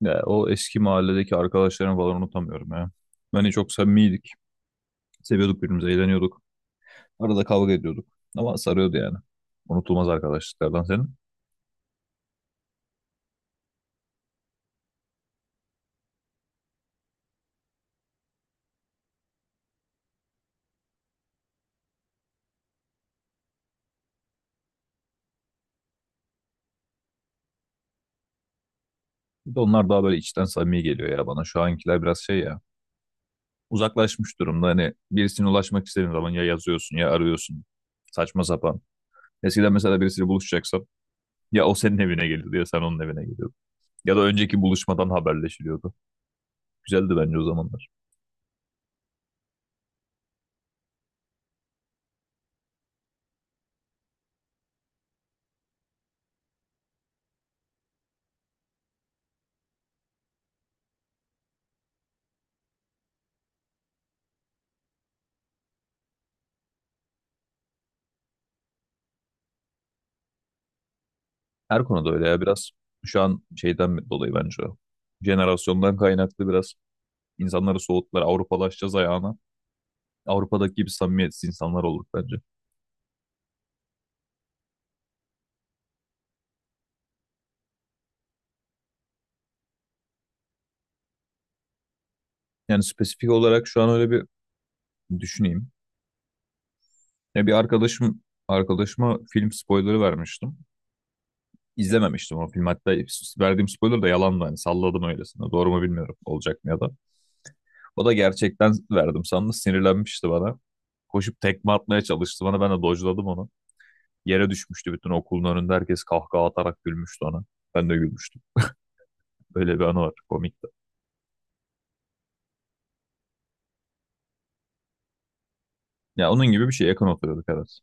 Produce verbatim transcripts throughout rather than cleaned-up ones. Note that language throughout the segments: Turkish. Ya, o eski mahalledeki arkadaşlarımı falan unutamıyorum ya. Hani çok samimiydik. Seviyorduk birbirimizi, eğleniyorduk. Arada kavga ediyorduk. Ama sarıyordu yani. Unutulmaz arkadaşlıklardan senin. Bir de onlar daha böyle içten samimi geliyor ya bana. Şu ankiler biraz şey ya. Uzaklaşmış durumda. Hani birisine ulaşmak istediğin zaman ya yazıyorsun ya arıyorsun. Saçma sapan. Eskiden mesela birisiyle buluşacaksam ya o senin evine geliyordu ya sen onun evine geliyordun. Ya da önceki buluşmadan haberleşiliyordu. Güzeldi bence o zamanlar. Her konuda öyle ya biraz şu an şeyden dolayı bence o. Jenerasyondan kaynaklı biraz insanları soğuttular. Avrupalaşacağız ayağına. Avrupa'daki gibi samimiyetsiz insanlar olduk bence. Yani spesifik olarak şu an öyle bir düşüneyim. Ya bir arkadaşım arkadaşıma film spoilerı vermiştim. İzlememiştim o film. Hatta verdiğim spoiler da yalandı. Hani salladım öylesine. Doğru mu bilmiyorum olacak mı ya da. O da gerçekten verdim sandı. Sinirlenmişti bana. Koşup tekme atmaya çalıştı bana. Ben de dojladım onu. Yere düşmüştü bütün okulun önünde. Herkes kahkaha atarak gülmüştü ona. Ben de gülmüştüm. Böyle bir anı var. Komikti. Ya onun gibi bir şey, yakın oturuyorduk, evet.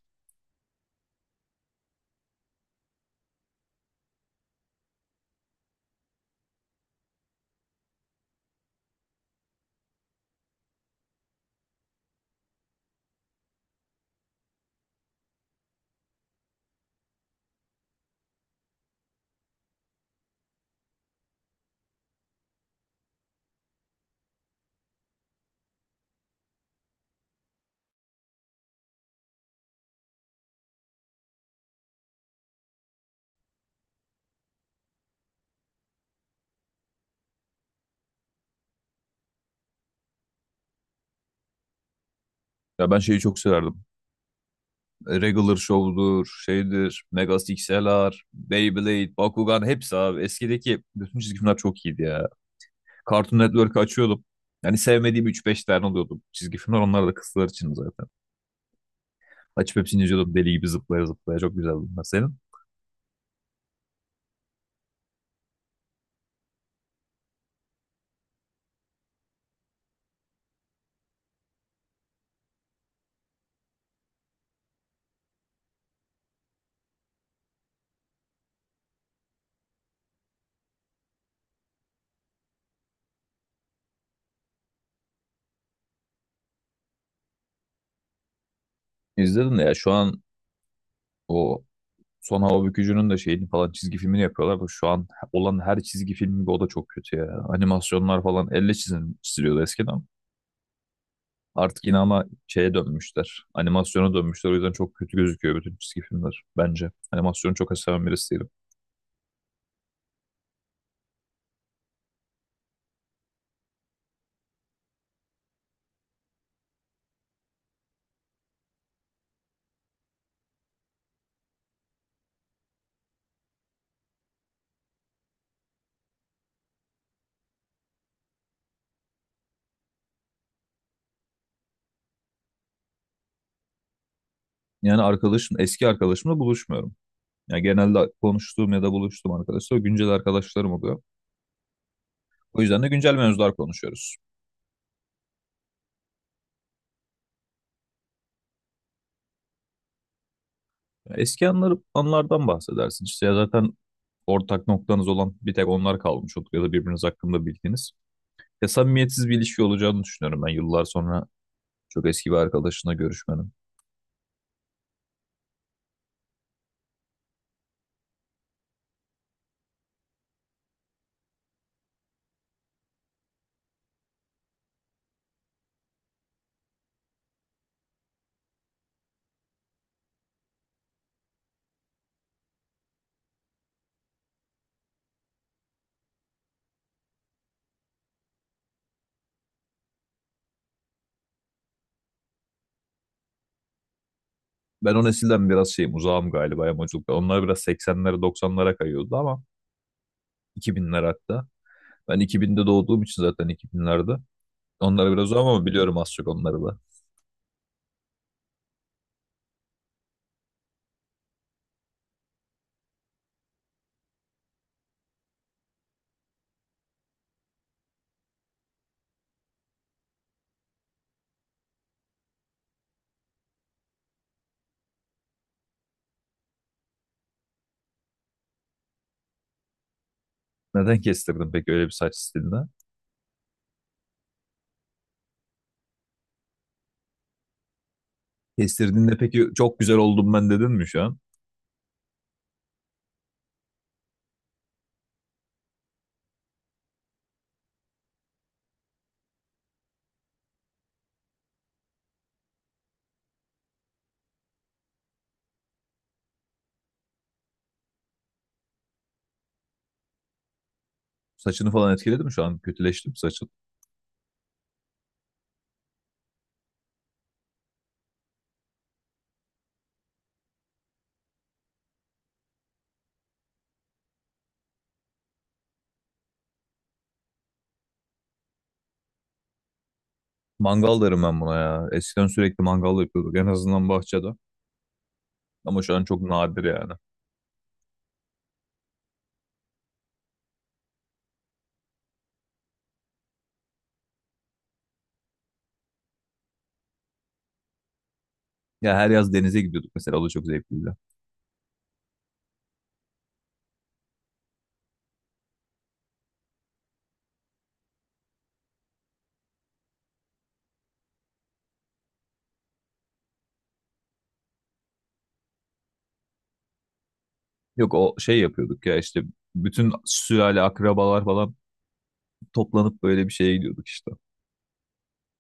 Ya ben şeyi çok severdim. Regular Show'dur, şeydir, Mega X L R, Beyblade, Bakugan hepsi abi. Eskideki bütün çizgi filmler çok iyiydi ya. Cartoon Network'ı açıyordum. Yani sevmediğim üç beş tane oluyordu çizgi filmler. Onlar da kızlar için zaten. Açıp hepsini izliyordum deli gibi zıplaya zıplaya. Çok güzeldi. Senin? İzledim de ya şu an o Son Hava Bükücü'nün de şeyini falan, çizgi filmini yapıyorlar. Bu şu an olan her çizgi film gibi o da çok kötü ya. Animasyonlar falan elle çizim, çiziliyordu eskiden. Artık yine ama şeye dönmüşler. Animasyona dönmüşler. O yüzden çok kötü gözüküyor bütün çizgi filmler bence. Animasyonu çok seven birisi değilim. Yani arkadaşım, eski arkadaşımla buluşmuyorum. Yani genelde konuştuğum ya da buluştuğum arkadaşlar güncel arkadaşlarım oluyor. O yüzden de güncel mevzular konuşuyoruz. Eski anları, anlardan bahsedersin. İşte ya zaten ortak noktanız olan bir tek onlar kalmış olur ya da birbiriniz hakkında bildiğiniz. Ya samimiyetsiz bir ilişki olacağını düşünüyorum ben yıllar sonra çok eski bir arkadaşına görüşmenin. Ben o nesilden biraz şeyim, uzağım galiba yamuculukta. Onlar biraz seksenlere doksanlara kayıyordu ama iki binlere hatta. Ben iki binde doğduğum için zaten iki binlerde. Onlara biraz uzağım ama biliyorum az çok onları da. Neden kestirdin peki öyle bir saç stilinde? Kestirdiğinde peki çok güzel oldum ben dedin mi şu an? Saçını falan etkiledi mi şu an? Kötüleşti mi saçın? Mangal derim ben buna ya. Eskiden sürekli mangal yapıyorduk en azından bahçede. Ama şu an çok nadir yani. Ya her yaz denize gidiyorduk mesela, o da çok zevkliydi. Yok o şey yapıyorduk ya işte, bütün sülale akrabalar falan toplanıp böyle bir şeye gidiyorduk işte.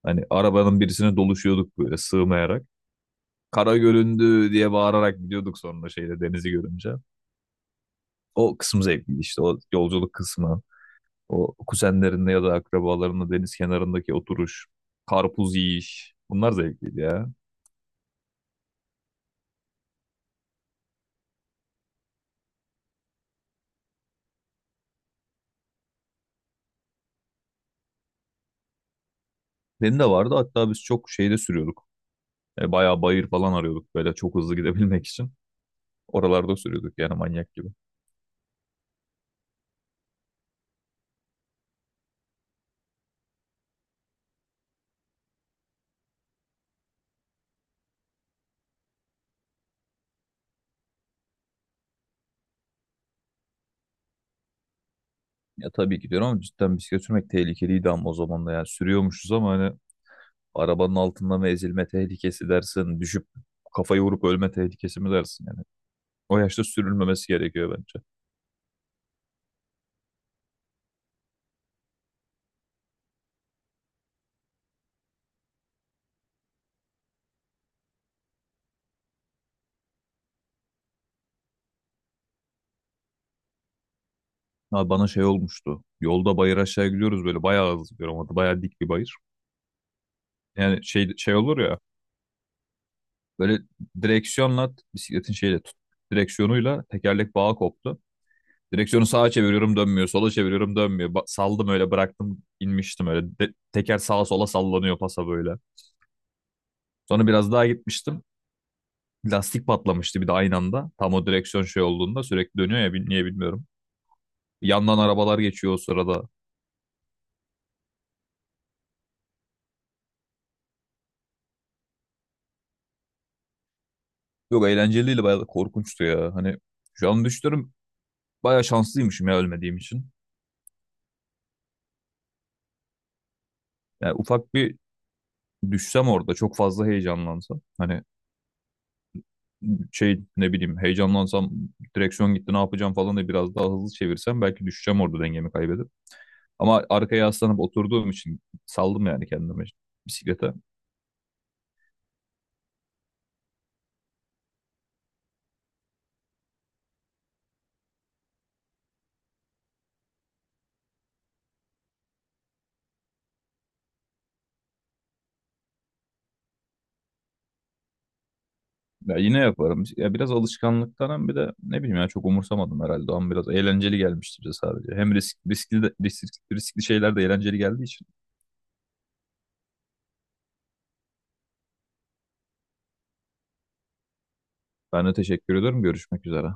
Hani arabanın birisine doluşuyorduk böyle sığmayarak. Kara göründü diye bağırarak gidiyorduk sonra şeyde denizi görünce. O kısım zevkliydi, işte o yolculuk kısmı. O kuzenlerinde ya da akrabalarında deniz kenarındaki oturuş, karpuz yiyiş. Bunlar zevkliydi ya. Benim de vardı. Hatta biz çok şeyde sürüyorduk. E, bayağı bayır falan arıyorduk böyle çok hızlı gidebilmek için. Oralarda sürüyorduk yani manyak gibi. Ya tabii ki diyorum, ama cidden bisiklet sürmek tehlikeliydi ama o zaman da, yani sürüyormuşuz ama hani arabanın altında mı ezilme tehlikesi dersin, düşüp kafayı vurup ölme tehlikesi mi dersin yani. O yaşta sürülmemesi gerekiyor bence. Abi bana şey olmuştu. Yolda bayır aşağı gidiyoruz, böyle bayağı hızlı gidiyorum. Orada bayağı dik bir bayır. Yani şey şey olur ya, böyle direksiyonla bisikletin şeyle tut, direksiyonuyla tekerlek bağı koptu. Direksiyonu sağa çeviriyorum dönmüyor, sola çeviriyorum dönmüyor. Ba- saldım öyle, bıraktım, inmiştim öyle. De- teker sağa sola sallanıyor pasa böyle. Sonra biraz daha gitmiştim. Lastik patlamıştı bir de aynı anda. Tam o direksiyon şey olduğunda sürekli dönüyor ya, bil- niye bilmiyorum. Yandan arabalar geçiyor o sırada. Yok, eğlenceliydi, bayağı da korkunçtu ya. Hani şu an düşünüyorum, bayağı şanslıymışım ya ölmediğim için. Yani ufak bir düşsem orada, çok fazla heyecanlansam. Hani şey, ne bileyim, heyecanlansam, direksiyon gitti ne yapacağım falan, da biraz daha hızlı çevirsem belki düşeceğim orada dengemi kaybedip. Ama arkaya yaslanıp oturduğum için saldım yani kendime, bisiklete. Ya yine yaparım. Ya biraz alışkanlıktan, hem bir de ne bileyim ya, çok umursamadım herhalde. Ama biraz eğlenceli gelmişti bize sadece. Hem risk, riskli, de- risk- riskli şeyler de eğlenceli geldiği için. Ben de teşekkür ediyorum. Görüşmek üzere.